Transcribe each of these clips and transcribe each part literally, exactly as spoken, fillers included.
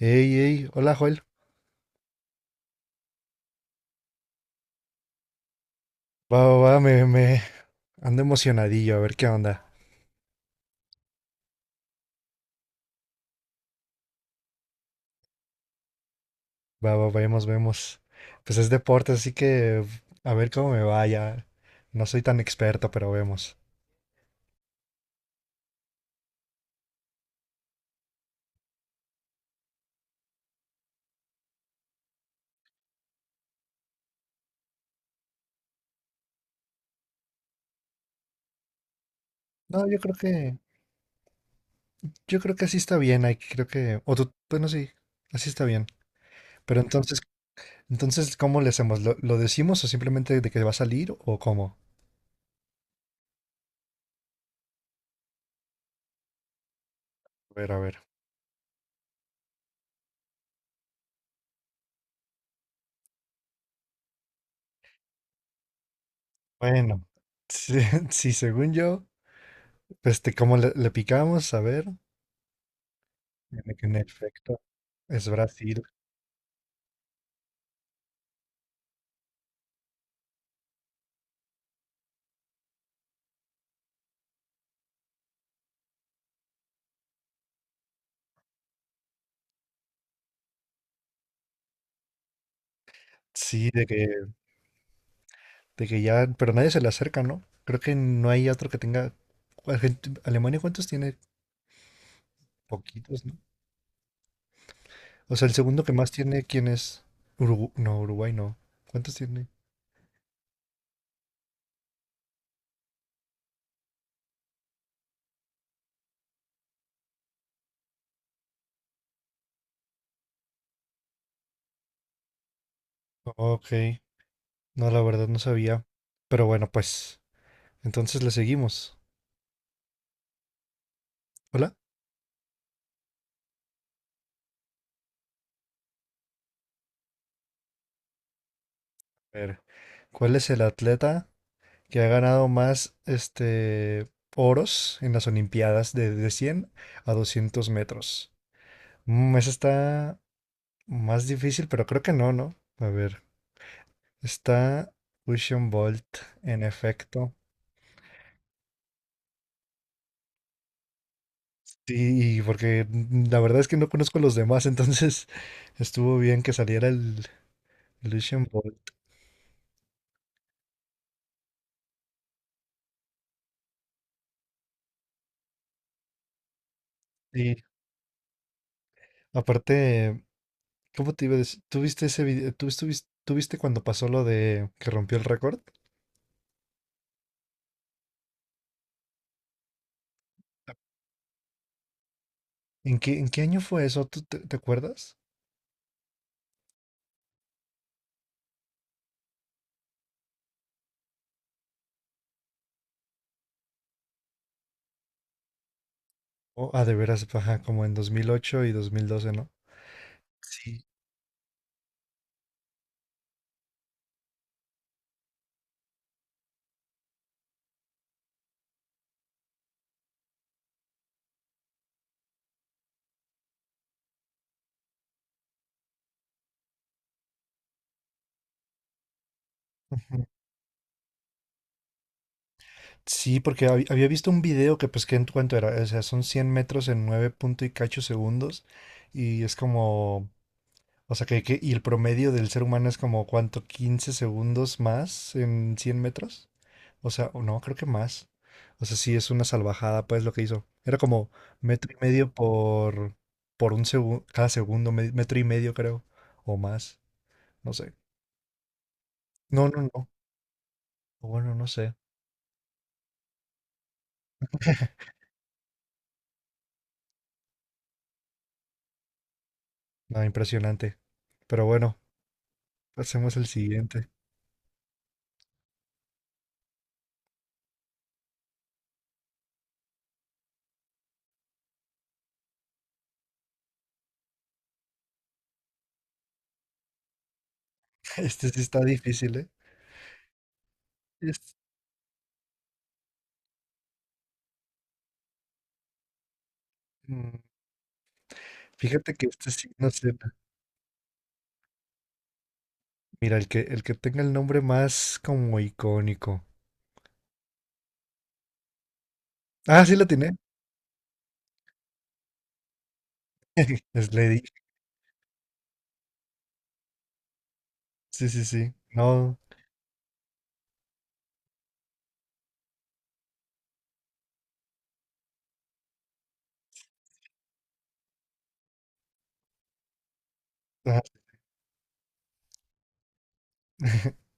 Ey, ey, hola Joel. Va, va, va, me, me ando emocionadillo, a ver qué onda. Va, va, vemos, vemos. Pues es deporte, así que a ver cómo me vaya. No soy tan experto, pero vemos. No, yo creo que, yo creo que así está bien, ahí creo que, o tú, bueno, sí, así está bien. Pero entonces, entonces, ¿cómo le hacemos? ¿Lo, lo decimos o simplemente de que va a salir o cómo? A ver, a ver. Bueno, sí, sí, según yo, este, ¿cómo le, le picamos? A ver, en en efecto, es Brasil. Sí, de que, de que ya, pero nadie se le acerca, ¿no? Creo que no hay otro que tenga. Argent- Alemania, ¿cuántos tiene? Poquitos, ¿no? O sea, el segundo que más tiene, ¿quién es? Urugu- no, Uruguay no. ¿Cuántos tiene? Ok, no, la verdad no sabía. Pero bueno, pues, entonces le seguimos. Hola. A ver, ¿cuál es el atleta que ha ganado más, este, oros en las Olimpiadas de, de cien a doscientos metros? Mm, esa está más difícil, pero creo que no, ¿no? A ver, está Usain Bolt, en efecto. Sí, y porque mm, la verdad es que no conozco a los demás, entonces estuvo bien que saliera el, el Usain Bolt. Y aparte, ¿cómo te iba a decir? ¿Tú viste ese video? ¿Tú estuviste- tú viste cuando pasó lo de que rompió el récord? ¿En qué, en qué año fue eso? ¿Tú te, te acuerdas? Oh, ah, de veras, ajá, como en dos mil ocho y dos mil doce, ¿no? Sí. Sí, porque hab- había visto un video que pues que en cuanto era, o sea, son cien metros en nueve punto y cacho segundos y es como, o sea, que, que- y el promedio del ser humano es como, ¿cuánto? Quince segundos más en cien metros. O sea, o no, creo que más. O sea, sí, es una salvajada pues lo que hizo. Era como metro y medio por, por un segundo, cada segundo, me- metro y medio creo, o más, no sé. No, no, no. Bueno, no sé. No, impresionante. Pero bueno, pasemos al siguiente. Este sí está difícil, ¿eh? Es- mm, Fíjate que este sí, no sé. Mira, el que, el que tenga el nombre más como icónico. Ah, sí la tiene. Es Lady. Sí, sí, sí. No. Ah.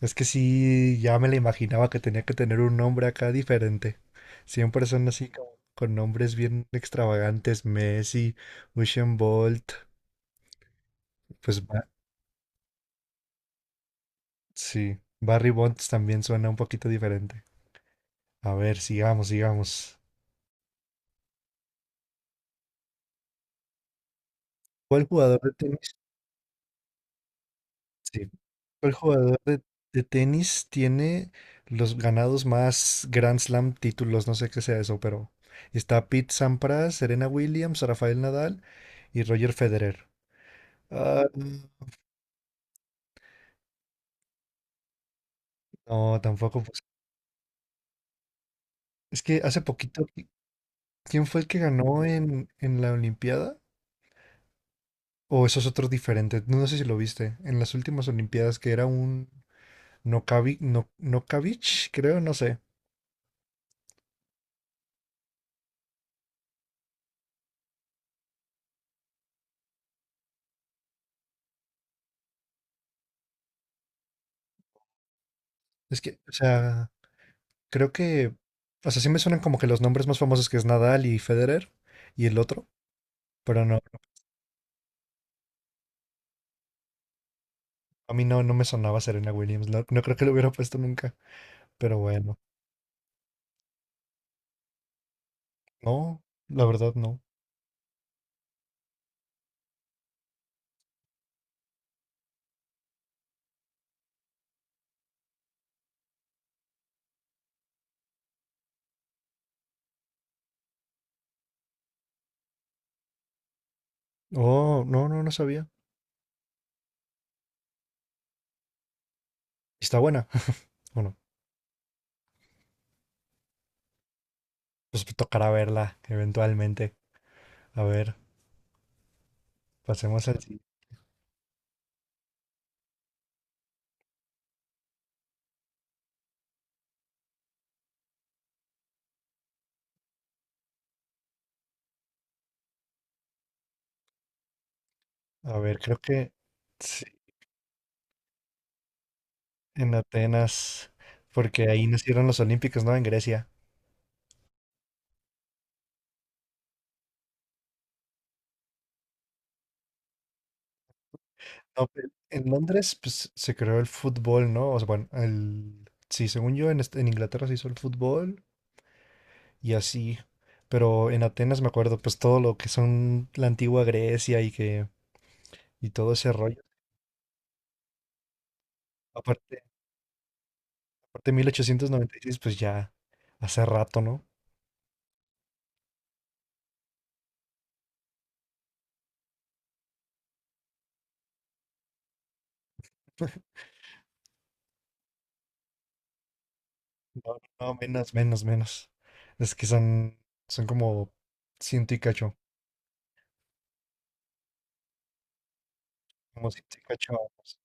Es que sí, ya me la imaginaba que tenía que tener un nombre acá diferente. Siempre son así como con nombres bien extravagantes. Messi, Usain Bolt. Pues Ba- sí. Barry Bonds también suena un poquito diferente. A ver, sigamos, sigamos. ¿Cuál jugador de tenis? Sí. ¿Cuál jugador de, de tenis tiene los ganados más Grand Slam títulos? No sé qué sea eso, pero está Pete Sampras, Serena Williams, Rafael Nadal y Roger Federer. Ah, no, tampoco, pues. Es que hace poquito, ¿qui- ¿quién fue el que ganó en, en la Olimpiada? O esos otros diferentes, no no sé si lo viste, en las últimas Olimpiadas que era un Nokavi, no, Nokavich, creo, no sé. Es que, o sea, creo que, o sea, sí me suenan como que los nombres más famosos que es Nadal y Federer y el otro, pero no, a mí no, no me sonaba Serena Williams, no, no creo que lo hubiera puesto nunca, pero bueno, no, la verdad no. Oh, no, no, no sabía. Y está buena. Bueno, pues tocará verla eventualmente. A ver, pasemos al. si- A ver, creo que sí, en Atenas, porque ahí nacieron los Olímpicos, ¿no? En Grecia. No, pe- en Londres pues, se creó el fútbol, ¿no? O sea, bueno, el. Sí, según yo, en, est- en Inglaterra se hizo el fútbol y así. Pero en Atenas me acuerdo, pues todo lo que son la antigua Grecia y que y todo ese rollo. Aparte, aparte mil ochocientos noventa y seis pues ya hace rato, ¿no? No, no, menos, menos, menos. Es que son, son como ciento y cacho, como ciento y cacho años.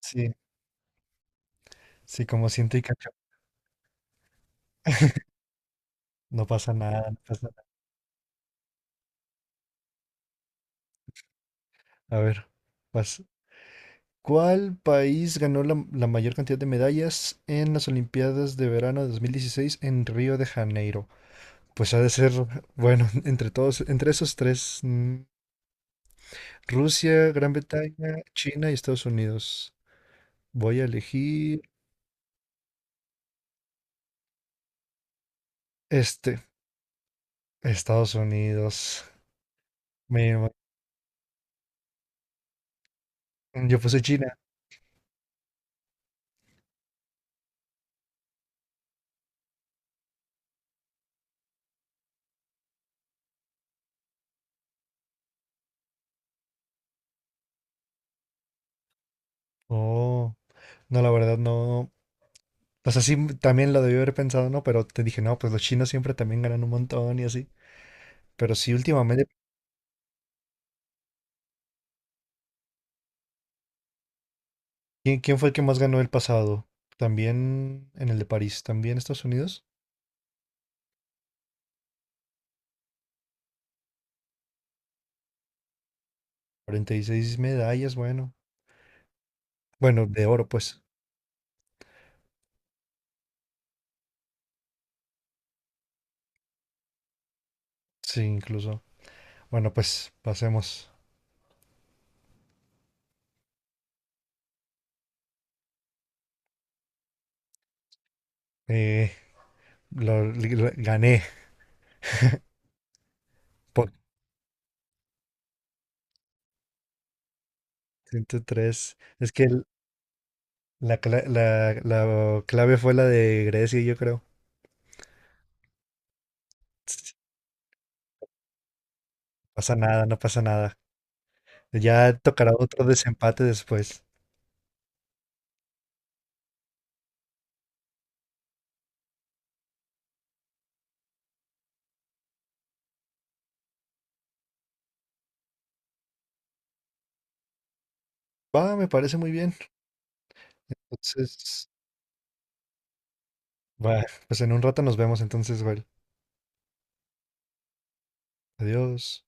Sí, sí, como ciento y cacho. No pasa nada, no pasa nada. A ver, vas. ¿Cuál país ganó la, la mayor cantidad de medallas en las Olimpiadas de verano de dos mil dieciséis en Río de Janeiro? Pues ha de ser, bueno, entre todos, entre esos tres, mm, Rusia, Gran Bretaña, China y Estados Unidos. Voy a elegir este, Estados Unidos. Me ima- yo puse China. Oh, no, la verdad no. O sea, sí, m- también lo debí haber pensado, ¿no? Pero te dije, no, pues los chinos siempre también ganan un montón y así. Pero sí, últimamente. ¿Quién, quién fue el que más ganó el pasado? También en el de París, también Estados Unidos. Cuarenta y seis medallas, bueno. Bueno, de oro, pues. Sí, incluso. Bueno, pues pasemos. Eh, lo- lo- gané por ciento tres. Es que el- la, cla- la- la clave fue la de Grecia, yo creo. No pasa nada, no pasa nada. Ya tocará otro desempate después. Va, me parece muy bien. Entonces, va, pues en un rato nos vemos entonces, Val. Adiós.